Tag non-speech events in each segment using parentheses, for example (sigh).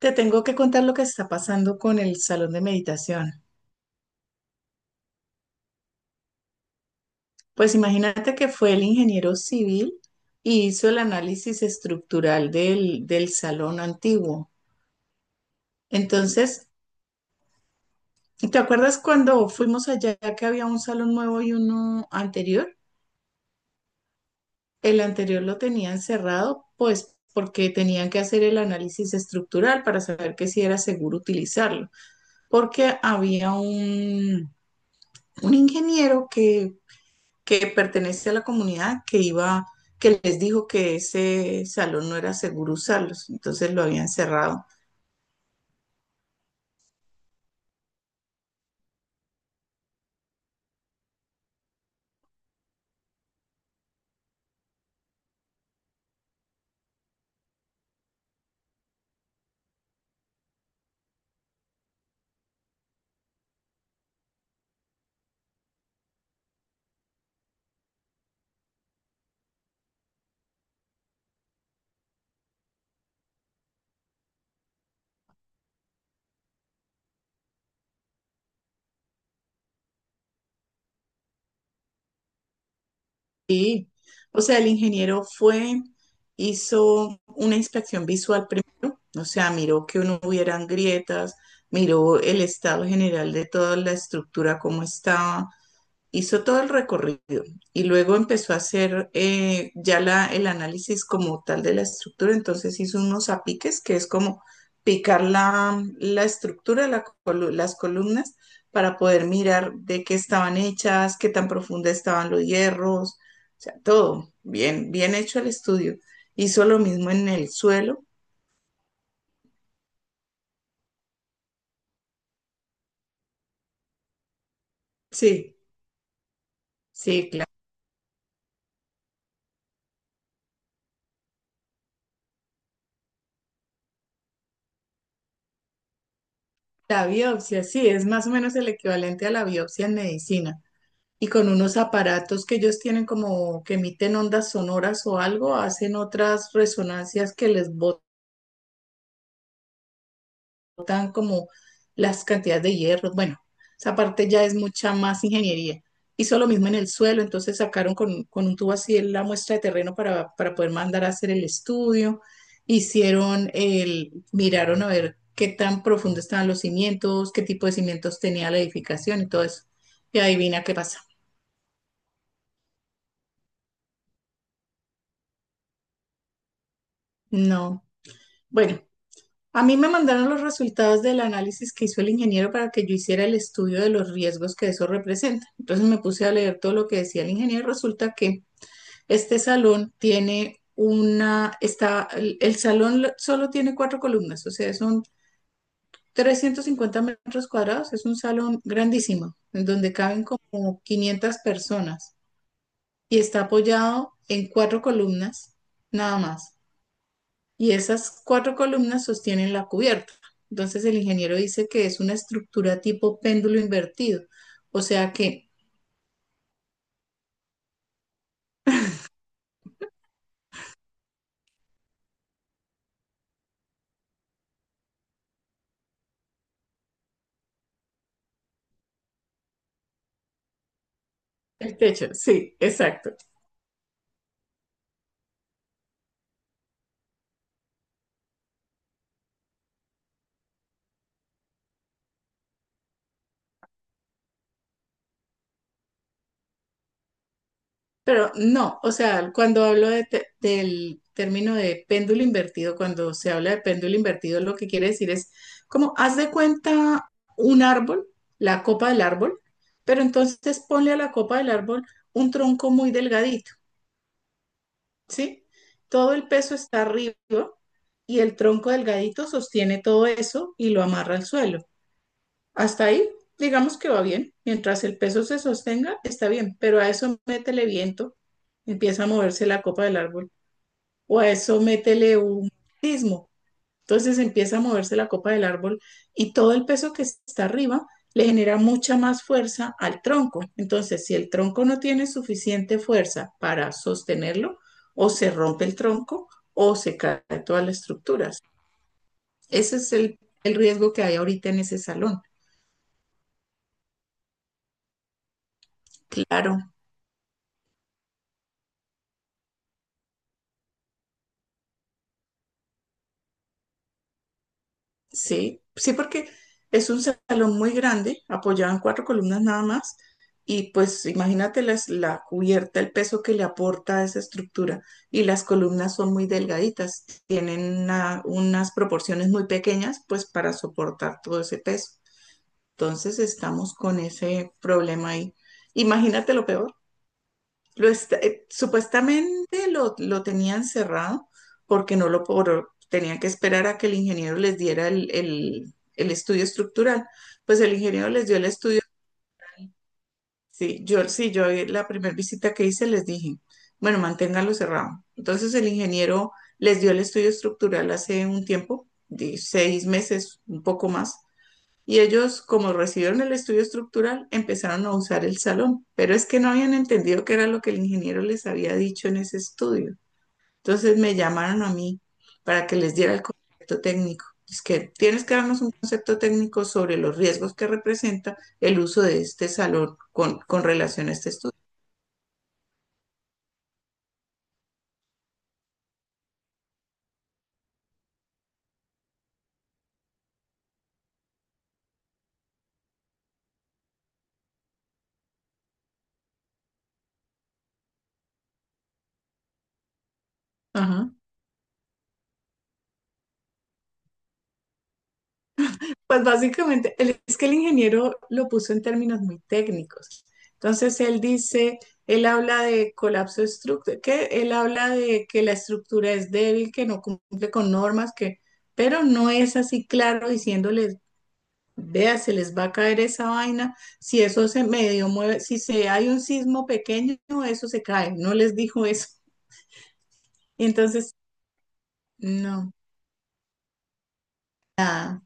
Te tengo que contar lo que está pasando con el salón de meditación. Pues imagínate que fue el ingeniero civil y hizo el análisis estructural del salón antiguo. Entonces, ¿te acuerdas cuando fuimos allá que había un salón nuevo y uno anterior? El anterior lo tenían cerrado, pues porque tenían que hacer el análisis estructural para saber que si era seguro utilizarlo, porque había un ingeniero que pertenece a la comunidad que iba, que les dijo que ese salón no era seguro usarlos, entonces lo habían cerrado. Y, o sea, el ingeniero fue, hizo una inspección visual primero, o sea, miró que no hubieran grietas, miró el estado general de toda la estructura, cómo estaba, hizo todo el recorrido y luego empezó a hacer ya el análisis como tal de la estructura, entonces hizo unos apiques, que es como picar la estructura, las columnas, para poder mirar de qué estaban hechas, qué tan profunda estaban los hierros, o sea, todo, bien, bien hecho el estudio. Hizo lo mismo en el suelo, sí, sí, claro. La biopsia, sí, es más o menos el equivalente a la biopsia en medicina. Y con unos aparatos que ellos tienen como que emiten ondas sonoras o algo, hacen otras resonancias que les botan como las cantidades de hierro. Bueno, esa parte ya es mucha más ingeniería. Hizo lo mismo en el suelo, entonces sacaron con un tubo así la muestra de terreno para poder mandar a hacer el estudio. Hicieron el, miraron a ver qué tan profundo estaban los cimientos, qué tipo de cimientos tenía la edificación y todo eso. Y adivina qué pasa. No. Bueno, a mí me mandaron los resultados del análisis que hizo el ingeniero para que yo hiciera el estudio de los riesgos que eso representa. Entonces me puse a leer todo lo que decía el ingeniero. Resulta que este salón tiene una, está, el salón solo tiene cuatro columnas, o sea, son 350 metros cuadrados. Es un salón grandísimo, en donde caben como 500 personas y está apoyado en cuatro columnas, nada más y esas cuatro columnas sostienen la cubierta. Entonces el ingeniero dice que es una estructura tipo péndulo invertido, o sea que el techo, sí, exacto. Pero no, o sea, cuando hablo de del término de péndulo invertido, cuando se habla de péndulo invertido, lo que quiere decir es como haz de cuenta un árbol, la copa del árbol, pero entonces ponle a la copa del árbol un tronco muy delgadito, ¿sí? Todo el peso está arriba y el tronco delgadito sostiene todo eso y lo amarra al suelo. Hasta ahí, digamos que va bien. Mientras el peso se sostenga, está bien, pero a eso métele viento, empieza a moverse la copa del árbol, o a eso métele un sismo, entonces empieza a moverse la copa del árbol y todo el peso que está arriba le genera mucha más fuerza al tronco. Entonces, si el tronco no tiene suficiente fuerza para sostenerlo, o se rompe el tronco o se caen todas las estructuras. Ese es el riesgo que hay ahorita en ese salón. Claro, sí, sí, porque es un salón muy grande, apoyado en cuatro columnas nada más, y pues imagínate la cubierta, el peso que le aporta a esa estructura, y las columnas son muy delgaditas, tienen unas proporciones muy pequeñas, pues para soportar todo ese peso. Entonces estamos con ese problema ahí. Imagínate lo peor. Supuestamente lo tenían cerrado porque no lo por- tenían que esperar a que el ingeniero les diera el, el estudio estructural. Pues el ingeniero les dio el estudio. Sí, yo sí, yo la primera visita que hice les dije, bueno, manténgalo cerrado. Entonces el ingeniero les dio el estudio estructural hace un tiempo, de 6 meses, un poco más, y ellos, como recibieron el estudio estructural, empezaron a usar el salón, pero es que no habían entendido qué era lo que el ingeniero les había dicho en ese estudio. Entonces me llamaron a mí para que les diera el concepto técnico. Es que tienes que darnos un concepto técnico sobre los riesgos que representa el uso de este salón con relación a este estudio. Ajá. Pues básicamente, es que el ingeniero lo puso en términos muy técnicos. Entonces, él habla de colapso estructural, que él habla de que la estructura es débil, que no cumple con normas, que, pero no es así claro diciéndoles, vea, se les va a caer esa vaina, si eso se medio mueve, si se hay un sismo pequeño, eso se cae. No les dijo eso. Entonces, no, nada.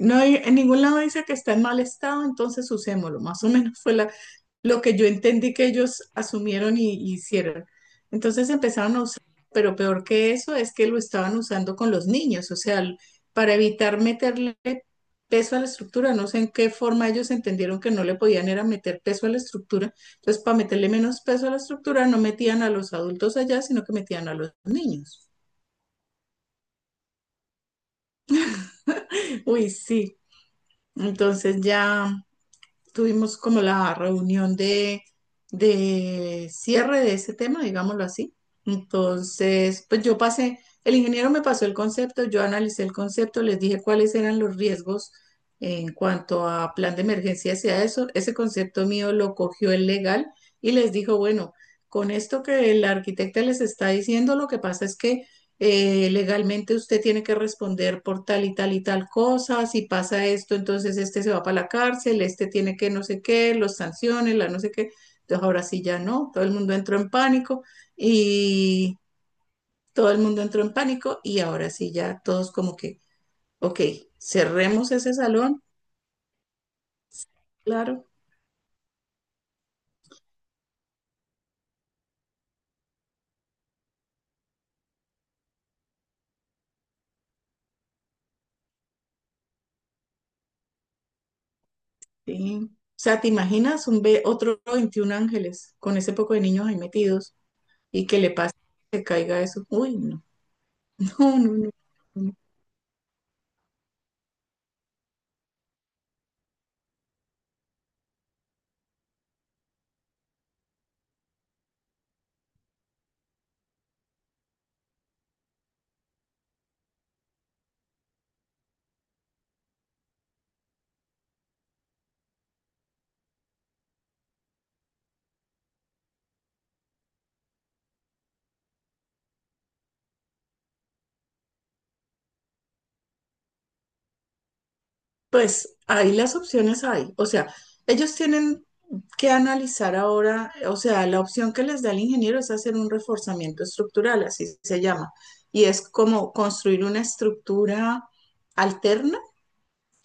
No hay, en ningún lado dice que está en mal estado, entonces usémoslo. Más o menos fue lo que yo entendí que ellos asumieron y hicieron. Entonces empezaron a usar, pero peor que eso es que lo estaban usando con los niños, o sea, para evitar meterle peso a la estructura. No sé en qué forma ellos entendieron que no le podían era meter peso a la estructura. Entonces, para meterle menos peso a la estructura, no metían a los adultos allá, sino que metían a los niños. Uy, sí. Entonces ya tuvimos como la reunión de cierre de ese tema, digámoslo así. Entonces, pues yo pasé, el ingeniero me pasó el concepto, yo analicé el concepto, les dije cuáles eran los riesgos en cuanto a plan de emergencia hacia eso. Ese concepto mío lo cogió el legal y les dijo, bueno, con esto que la arquitecta les está diciendo, lo que pasa es que legalmente usted tiene que responder por tal y tal y tal cosa, si pasa esto, entonces este se va para la cárcel, este tiene que no sé qué, los sanciones, la no sé qué. Entonces ahora sí ya no, todo el mundo entró en pánico y todo el mundo entró en pánico y ahora sí ya todos como que, ok, cerremos ese salón, claro. Sí. O sea, ¿te imaginas un ve otro 21 ángeles con ese poco de niños ahí metidos y que le pase, que caiga eso? Uy, no, (laughs) no, no, no. Pues ahí las opciones hay. O sea, ellos tienen que analizar ahora, o sea, la opción que les da el ingeniero es hacer un reforzamiento estructural, así se llama. Y es como construir una estructura alterna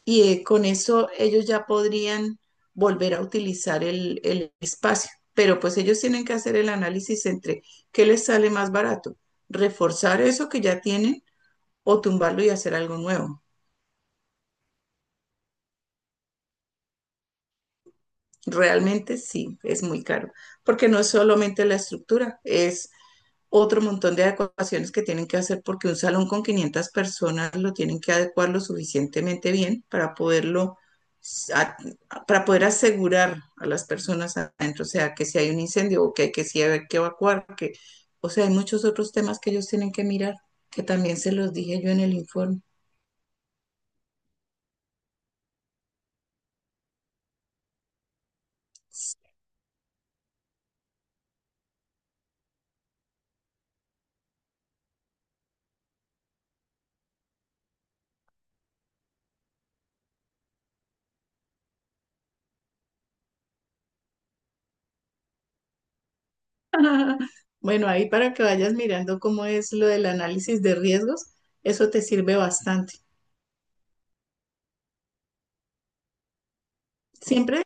y con eso ellos ya podrían volver a utilizar el espacio. Pero pues ellos tienen que hacer el análisis entre qué les sale más barato, reforzar eso que ya tienen o tumbarlo y hacer algo nuevo. Realmente sí, es muy caro, porque no es solamente la estructura, es otro montón de adecuaciones que tienen que hacer porque un salón con 500 personas lo tienen que adecuar lo suficientemente bien para poderlo para poder asegurar a las personas adentro, o sea, que si hay un incendio o que hay que si hay que evacuar, que o sea, hay muchos otros temas que ellos tienen que mirar, que también se los dije yo en el informe. (laughs) Bueno, ahí para que vayas mirando cómo es lo del análisis de riesgos, eso te sirve bastante. Siempre,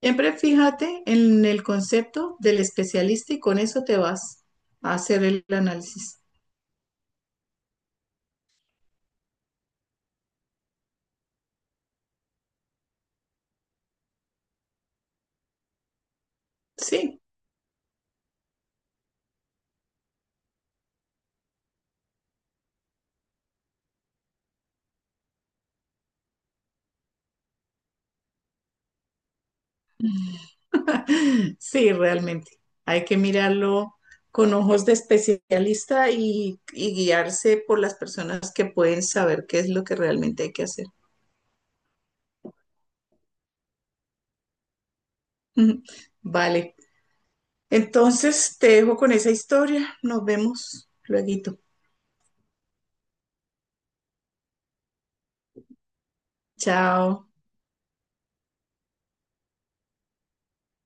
siempre fíjate en el concepto del especialista y con eso te vas a hacer el análisis. Sí, (laughs) sí, realmente. Hay que mirarlo con ojos de especialista y guiarse por las personas que pueden saber qué es lo que realmente hay que hacer. (laughs) Vale. Entonces te dejo con esa historia. Nos vemos luego. Chao.